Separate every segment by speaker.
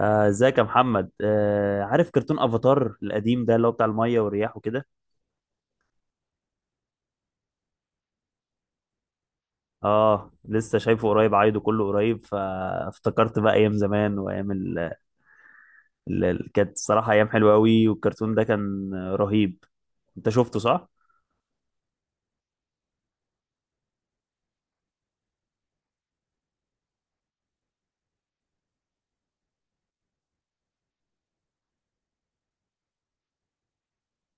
Speaker 1: ازيك يا محمد، عارف كرتون افاتار القديم ده اللي هو بتاع الميه والرياح وكده؟ اه، لسه شايفه قريب، عايده كله قريب فافتكرت بقى ايام زمان وايام كانت الصراحه ايام حلوه قوي، والكرتون ده كان رهيب. انت شفته، صح؟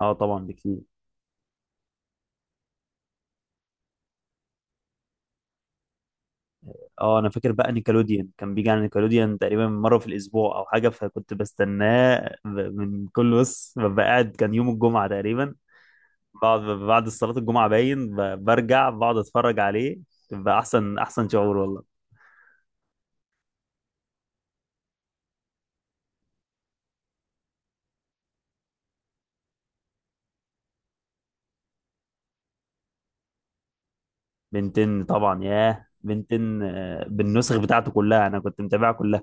Speaker 1: اه طبعا، بكتير. اه، انا فاكر بقى نيكلوديان كان بيجي على نيكلوديان تقريبا مره في الاسبوع او حاجه، فكنت بستناه من كل، بص، ببقى قاعد، كان يوم الجمعه تقريبا. بعد صلاة الجمعة باين، برجع بقعد اتفرج عليه. بيبقى احسن احسن شعور والله. بنتين طبعا، ياه بنتين، بالنسخ بتاعته كلها انا كنت متابعها كلها.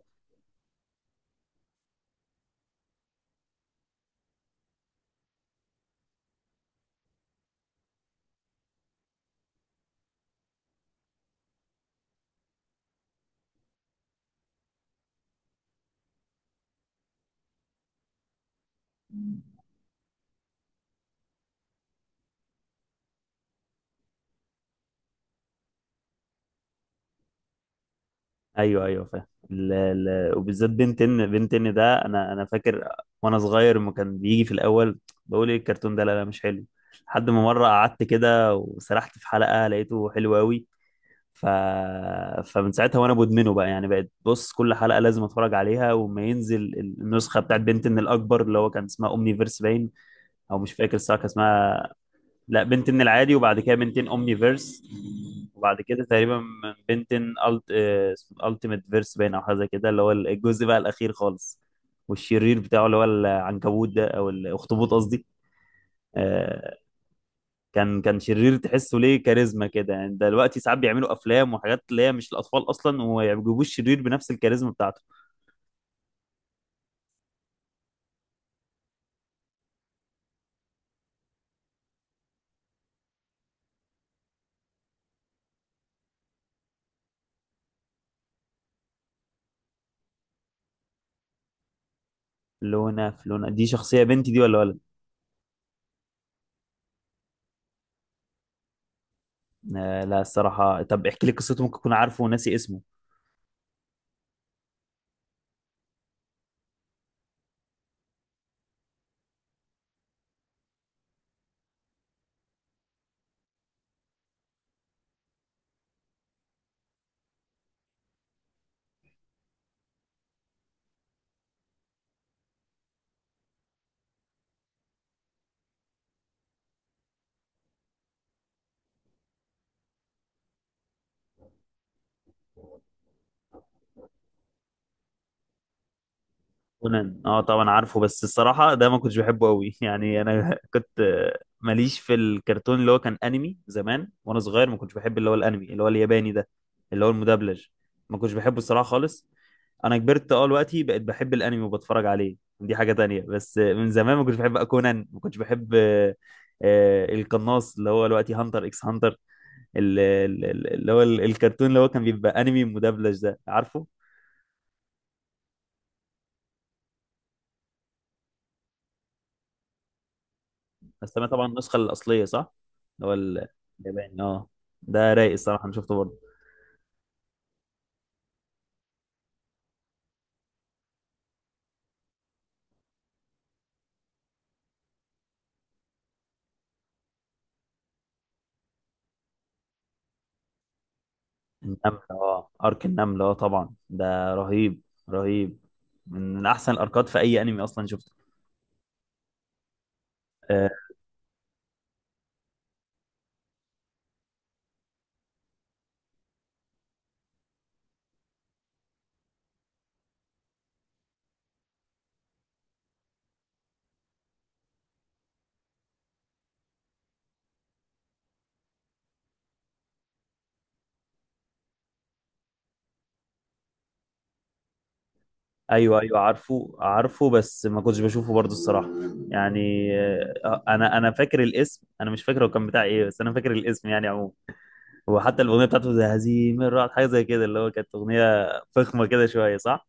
Speaker 1: ايوه ايوه فاهم، وبالذات بنتين بنتين ده انا فاكر، وانا صغير لما كان بيجي في الاول بقول ايه الكرتون ده؟ لا لا، مش حلو. لحد ما مرة قعدت كده وسرحت في حلقة لقيته حلو قوي. ف... فمن ساعتها وانا مدمنه بقى، يعني بقيت بص كل حلقه لازم اتفرج عليها، وما ينزل النسخه بتاعت بنتن الاكبر اللي هو كان اسمها اومني فيرس باين، او مش فاكر الصراحه كان اسمها. لا، بنتن العادي، وبعد كده بنتن اومني فيرس. وبعد كده تقريبا من بنتن التيميت فيرس باين او حاجه زي كده، اللي هو الجزء بقى الاخير خالص. والشرير بتاعه اللي هو العنكبوت ده، او الاخطبوط قصدي. آه، كان شرير تحسه ليه كاريزما كده، يعني دلوقتي ساعات بيعملوا افلام وحاجات اللي هي مش الاطفال اصلا، وما بيجيبوش شرير بنفس الكاريزما بتاعته. لونا؟ فلونا دي شخصيه بنتي دي ولا ولد؟ آه لا الصراحه، طب احكي لي قصته، ممكن اكون عارفه وناسي اسمه. كونان؟ اه طبعا عارفه، بس الصراحه ده ما كنتش بحبه قوي يعني انا كنت ماليش في الكرتون اللي هو كان انمي، زمان وانا صغير ما كنتش بحب اللي هو الانمي اللي هو الياباني ده، اللي هو المدبلج. ما كنتش بحبه الصراحه خالص. انا كبرت، اه دلوقتي بقيت بحب الانمي وبتفرج عليه، دي حاجه تانية، بس من زمان ما كنتش بحب كونان، ما كنتش بحب القناص اللي هو دلوقتي هانتر اكس هانتر، اللي هو الكرتون اللي هو كان بيبقى انمي مدبلج ده، عارفه؟ بس انا طبعا النسخه الاصليه، صح؟ اللي هو الياباني، اه. ده رايق الصراحه، انا شفته برضه. النمل؟ اه ارك النمل، اه طبعا ده رهيب. رهيب. من احسن الاركات في اي انمي اصلا شفته. آه. ايوه ايوه عارفه عارفه، بس ما كنتش بشوفه برضه الصراحه، يعني. انا فاكر الاسم، انا مش فاكر هو كان بتاع ايه، بس انا فاكر الاسم يعني عموما. وحتى الاغنيه بتاعته زي هزيم الرعد حاجه زي كده، اللي هو كانت اغنيه فخمه كده شويه، صح؟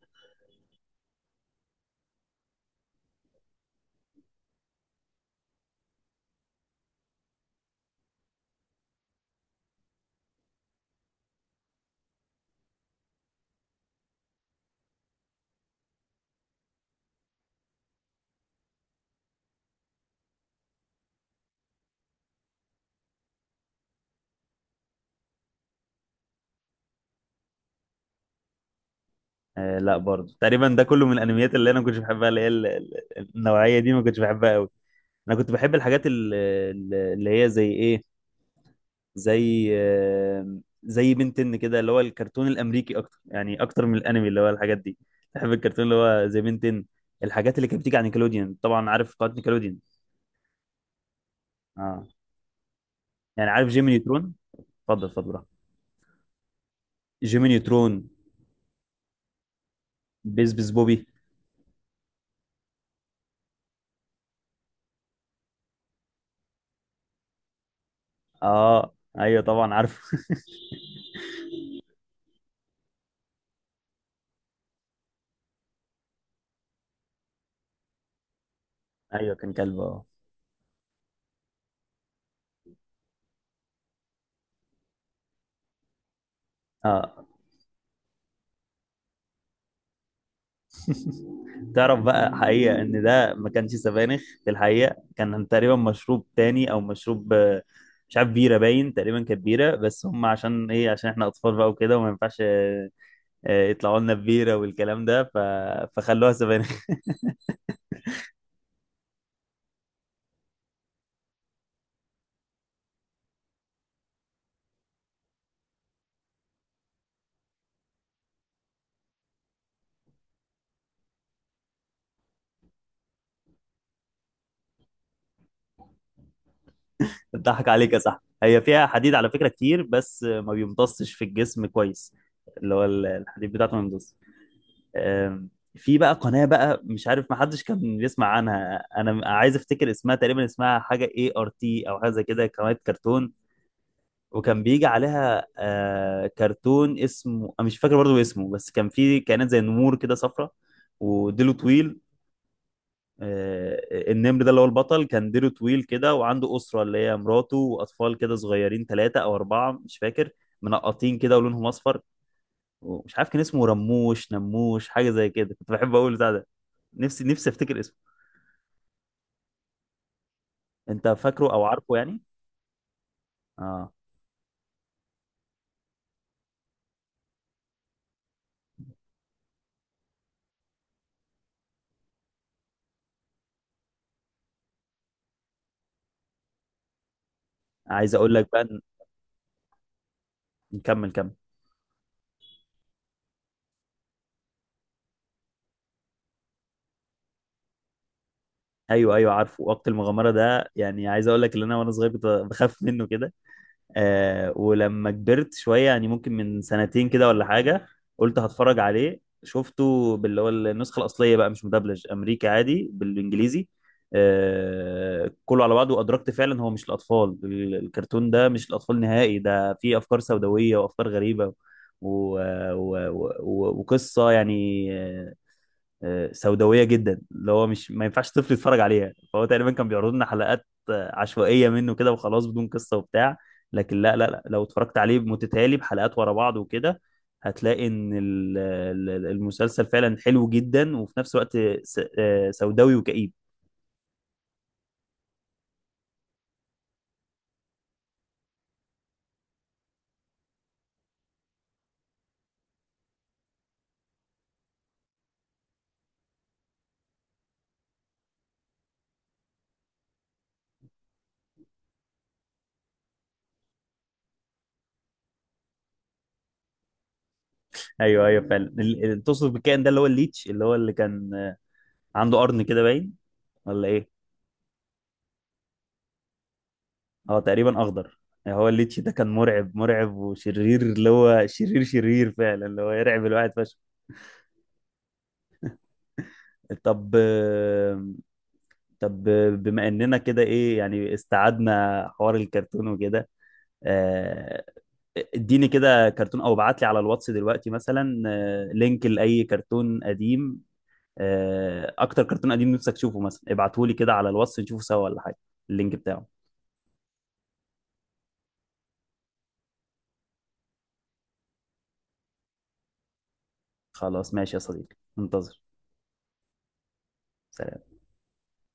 Speaker 1: آه لا، برضه تقريبا ده كله من الانميات اللي انا ما كنتش بحبها، اللي هي النوعيه دي ما كنتش بحبها قوي. انا كنت بحب الحاجات اللي هي زي ايه، زي زي بنتن كده اللي هو الكرتون الامريكي اكتر، يعني اكتر من الانمي اللي هو الحاجات دي. بحب الكرتون اللي هو زي بنتن، الحاجات اللي كانت بتيجي عن نيكلوديان. طبعا عارف قناه نيكلوديان؟ اه. يعني عارف جيمي نيوترون؟ اتفضل اتفضل براحتك. جيمي نيوترون. بيس بيس بوبي. اه، ايوه طبعا عارفه ايوه كان كلب، اه. اه. تعرف بقى حقيقة ان ده ما كانش سبانخ في الحقيقة؟ كان تقريبا مشروب تاني، او مشروب مش عارف، بيرة باين تقريبا كانت بيرة، بس هم عشان ايه؟ عشان احنا اطفال بقى وكده وما ينفعش يطلعوا لنا ببيرة والكلام ده. فخلوها سبانخ. بتضحك عليك يا صاحبي، هي فيها حديد على فكرة كتير، بس ما بيمتصش في الجسم كويس. اللي هو الحديد بتاعته ما بيمتصش. آم، في بقى قناة، بقى مش عارف ما حدش كان بيسمع عنها، انا عايز افتكر اسمها، تقريبا اسمها حاجة ART او حاجة زي كده، قناة كرتون. وكان بيجي عليها كرتون اسمه، أنا مش فاكر برضو اسمه، بس كان في كائنات زي نمور كده صفرة وديله طويل. النمر ده اللي هو البطل كان ديله طويل كده، وعنده أسرة اللي هي مراته وأطفال كده صغيرين، ثلاثة أو أربعة مش فاكر، منقطين كده ولونهم أصفر. ومش عارف كان اسمه رموش نموش حاجة زي كده، كنت بحب أقول بتاع ده. نفسي نفسي افتكر اسمه. انت فاكره او عارفه يعني؟ اه. عايز اقول لك بقى. نكمل، كمل. ايوه ايوه عارفه وقت المغامره ده، يعني عايز اقول لك ان انا وانا صغير كنت بخاف منه كده. ولما كبرت شوية، يعني ممكن من سنتين كده ولا حاجة، قلت هتفرج عليه. شفته باللي هو النسخة الأصلية بقى، مش مدبلج، أمريكي عادي بالإنجليزي. كله على بعضه، وأدركت فعلا هو مش الأطفال، الكرتون ده مش الأطفال نهائي، ده فيه أفكار سوداوية وأفكار غريبة. و... وقصة يعني، سوداويه جدا اللي هو مش، ما ينفعش طفل يتفرج عليها، فهو تقريبا كان بيعرض لنا حلقات عشوائيه منه كده وخلاص، بدون قصه وبتاع. لكن لا لا لا، لو اتفرجت عليه متتالي بحلقات ورا بعض وكده هتلاقي ان المسلسل فعلا حلو جدا، وفي نفس الوقت سوداوي وكئيب. ايوه ايوه فعلا، تقصد بالكائن ده اللي هو الليتش، اللي هو اللي كان عنده قرن كده باين، ولا ايه؟ اه تقريبا اخضر. يعني هو الليتش ده كان مرعب مرعب وشرير، اللي هو شرير شرير فعلا، اللي هو يرعب الواحد فشخ. طب. طب. بما اننا كده ايه، يعني استعدنا حوار الكرتون وكده، آه، اديني كده كرتون او ابعت لي على الواتس دلوقتي مثلا لينك لاي كرتون قديم. اكتر كرتون قديم نفسك تشوفه مثلا ابعته لي كده على الواتس نشوفه سوا، ولا حاجة. اللينك بتاعه. خلاص ماشي يا صديقي، منتظر. سلام.